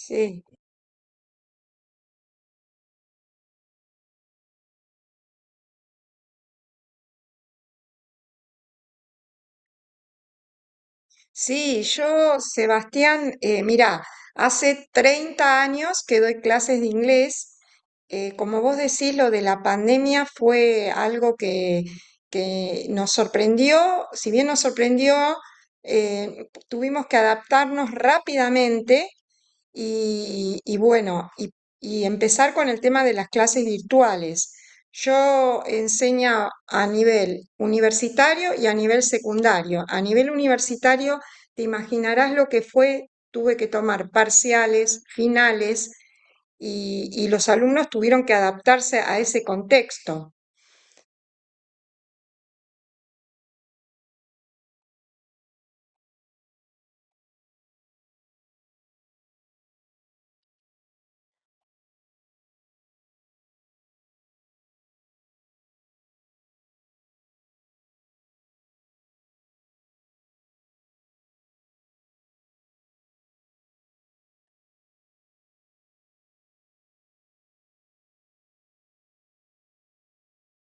Sí, sí, yo, Sebastián, mira, hace 30 años que doy clases de inglés. Como vos decís, lo de la pandemia fue algo que nos sorprendió. Si bien nos sorprendió, tuvimos que adaptarnos rápidamente. Y bueno, y empezar con el tema de las clases virtuales. Yo enseño a nivel universitario y a nivel secundario. A nivel universitario, te imaginarás lo que fue, tuve que tomar parciales, finales, y los alumnos tuvieron que adaptarse a ese contexto.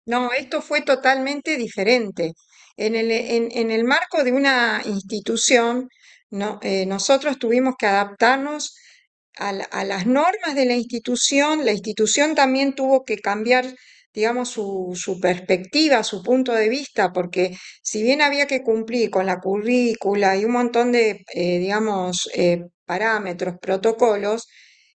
No, esto fue totalmente diferente. En el marco de una institución, no, nosotros tuvimos que adaptarnos a las normas de la institución. La institución también tuvo que cambiar, digamos, su perspectiva, su punto de vista, porque si bien había que cumplir con la currícula y un montón de, digamos, parámetros, protocolos,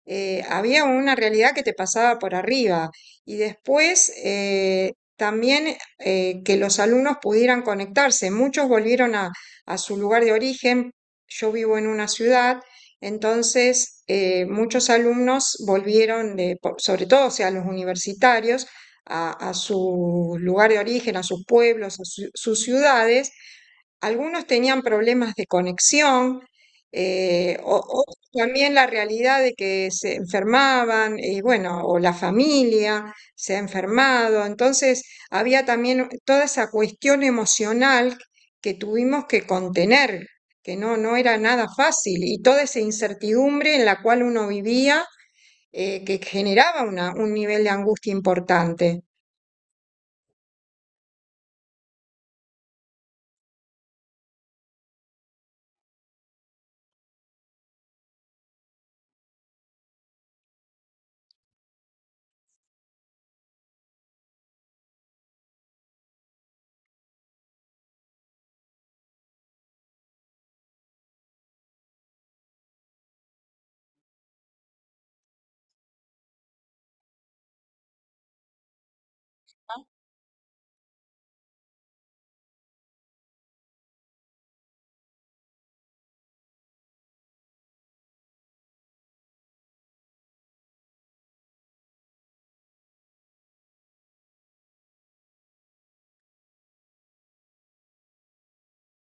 había una realidad que te pasaba por arriba. Y después, también que los alumnos pudieran conectarse. Muchos volvieron a su lugar de origen. Yo vivo en una ciudad, entonces muchos alumnos volvieron, sobre todo, o sea, los universitarios, a su lugar de origen, a sus pueblos, a sus ciudades. Algunos tenían problemas de conexión, eh, o- otros también la realidad de que se enfermaban, y bueno, o la familia se ha enfermado. Entonces, había también toda esa cuestión emocional que tuvimos que contener, que no era nada fácil, y toda esa incertidumbre en la cual uno vivía, que generaba un nivel de angustia importante.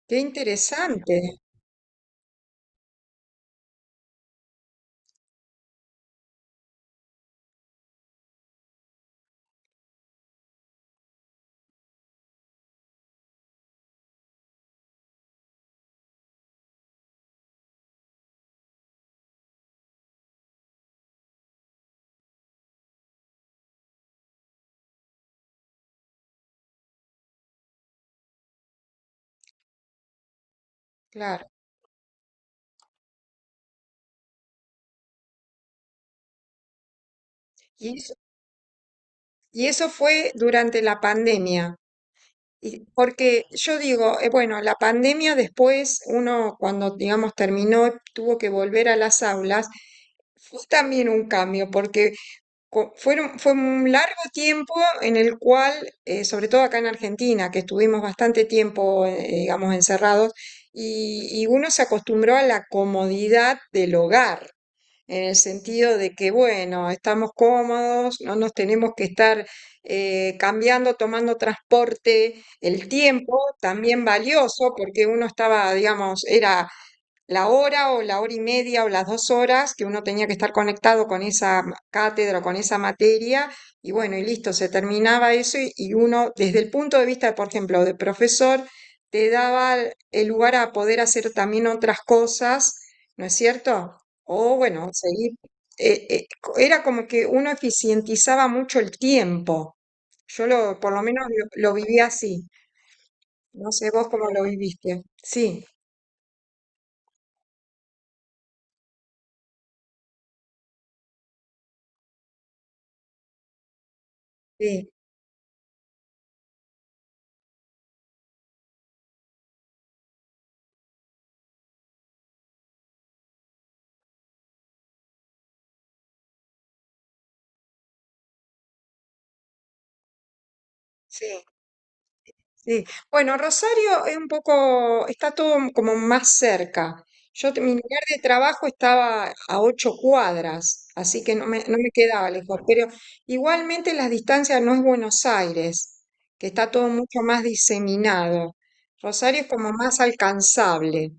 Qué interesante, claro. Y Y eso fue durante la pandemia. Y porque yo digo, bueno, la pandemia después, uno cuando, digamos, terminó, tuvo que volver a las aulas, fue también un cambio, porque fue un largo tiempo en el cual, sobre todo acá en Argentina, que estuvimos bastante tiempo, digamos, encerrados, y uno se acostumbró a la comodidad del hogar en el sentido de que, bueno, estamos cómodos, no nos tenemos que estar cambiando, tomando transporte, el tiempo también valioso, porque uno estaba, digamos, era la hora o la hora y media o las 2 horas que uno tenía que estar conectado con esa cátedra o con esa materia, y bueno, y listo, se terminaba eso y uno, desde el punto de vista, por ejemplo, de profesor, te daba el lugar a poder hacer también otras cosas, ¿no es cierto? O bueno, seguir. Era como que uno eficientizaba mucho el tiempo. Por lo menos lo viví así. No sé vos cómo lo viviste. Sí, sí, sí. Sí, bueno, Rosario es un poco, está todo como más cerca. Mi lugar de trabajo estaba a 8 cuadras, así que no me quedaba lejos, pero igualmente las distancias no es Buenos Aires, que está todo mucho más diseminado. Rosario es como más alcanzable.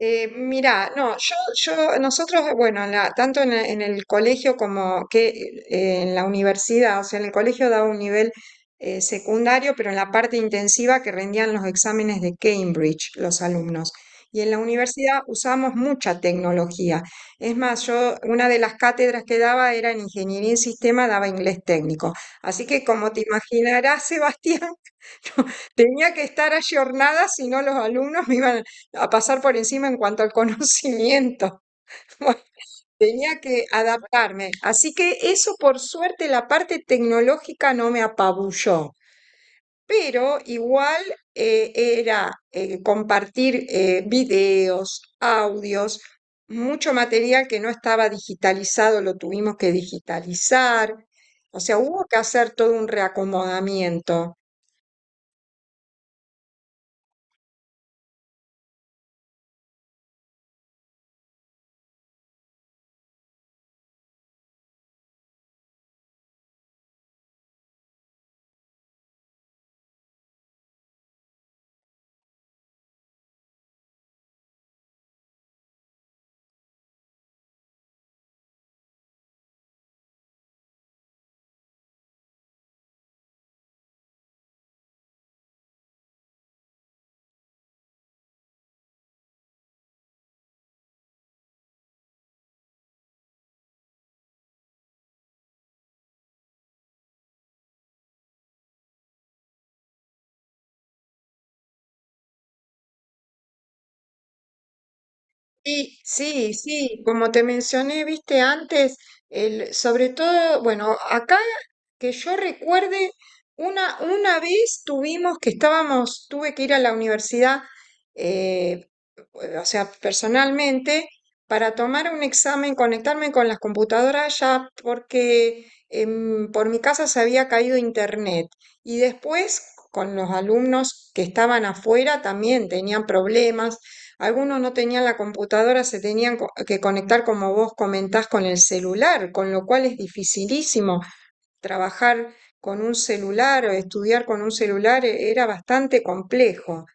Mirá, no, yo, nosotros, bueno, tanto en el colegio como que en la universidad, o sea, en el colegio daba un nivel secundario, pero en la parte intensiva que rendían los exámenes de Cambridge los alumnos. Y en la universidad usamos mucha tecnología. Es más, yo una de las cátedras que daba era en ingeniería en sistema, daba inglés técnico. Así que como te imaginarás, Sebastián, tenía que estar ayornada, si no los alumnos me iban a pasar por encima en cuanto al conocimiento. Bueno, tenía que adaptarme. Así que eso, por suerte, la parte tecnológica no me apabulló, pero igual era compartir videos, audios, mucho material que no estaba digitalizado, lo tuvimos que digitalizar. O sea, hubo que hacer todo un reacomodamiento. Sí, sí, sí, como te mencioné, viste antes, el, sobre todo, bueno, acá que yo recuerde, una vez tuve que ir a la universidad, eh, o sea, personalmente, para tomar un examen, conectarme con las computadoras ya, porque por mi casa se había caído internet. Y después, con los alumnos que estaban afuera, también tenían problemas. Algunos no tenían la computadora, que conectar, como vos comentás, con el celular, con lo cual es dificilísimo trabajar con un celular o estudiar con un celular era bastante complejo.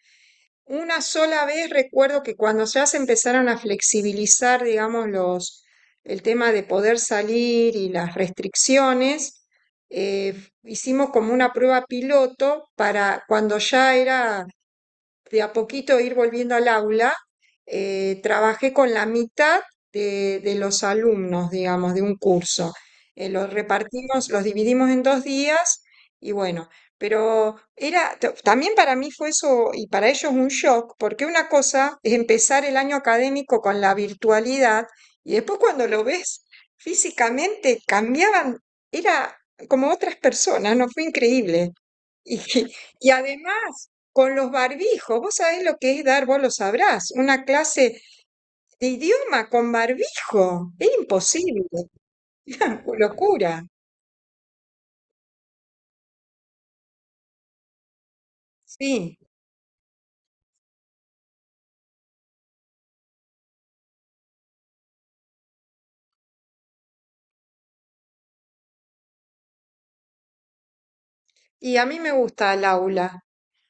Una sola vez recuerdo que cuando ya se empezaron a flexibilizar, digamos, el tema de poder salir y las restricciones, eh, hicimos como una prueba piloto para cuando ya era de a poquito ir volviendo al aula, trabajé con la mitad de los alumnos, digamos, de un curso. Los repartimos, los dividimos en 2 días y bueno, pero también para mí fue eso y para ellos un shock, porque una cosa es empezar el año académico con la virtualidad y después cuando lo ves físicamente cambiaban, era como otras personas, ¿no? Fue increíble. Y, además, con los barbijos, vos sabés lo que es dar, vos lo sabrás, una clase de idioma con barbijo. Es imposible, locura. Sí, y a mí me gusta el aula.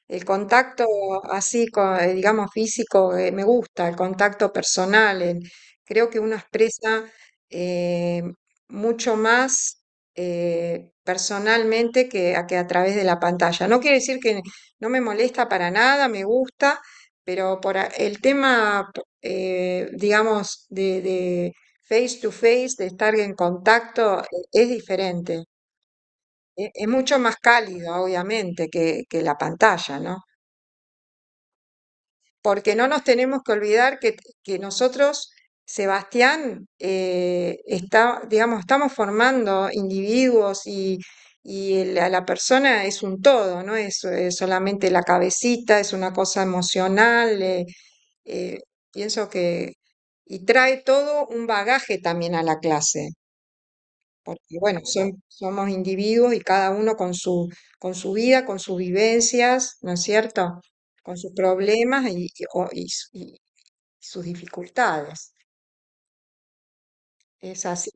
El contacto así, digamos, físico, me gusta, el contacto personal. Creo que uno expresa eh, mucho más personalmente que a través de la pantalla. No quiere decir que no me molesta para nada, me gusta, pero el tema, digamos, de face to face, de estar en contacto, es diferente. Es mucho más cálido, obviamente, que la pantalla, ¿no? Porque no nos tenemos que olvidar que, nosotros, Sebastián, está, digamos, estamos formando individuos y a la persona es un todo, no es, solamente la cabecita, es una cosa emocional, eh, pienso que, y trae todo un bagaje también a la clase. Porque bueno, somos individuos y cada uno con su vida, con sus vivencias, ¿no es cierto? Con sus problemas y sus dificultades. Es así.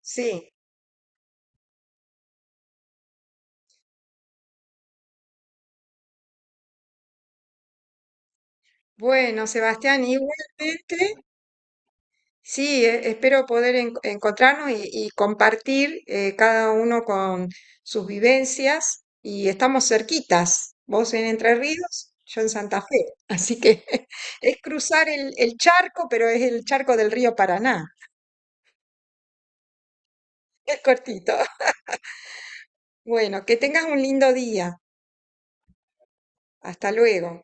Sí. Bueno, Sebastián, igualmente, sí, espero poder encontrarnos y compartir cada uno con sus vivencias y estamos cerquitas, vos en Entre Ríos, yo en Santa Fe. Así que es cruzar el charco, pero es el charco del río Paraná. Es cortito. Bueno, que tengas un lindo día. Hasta luego.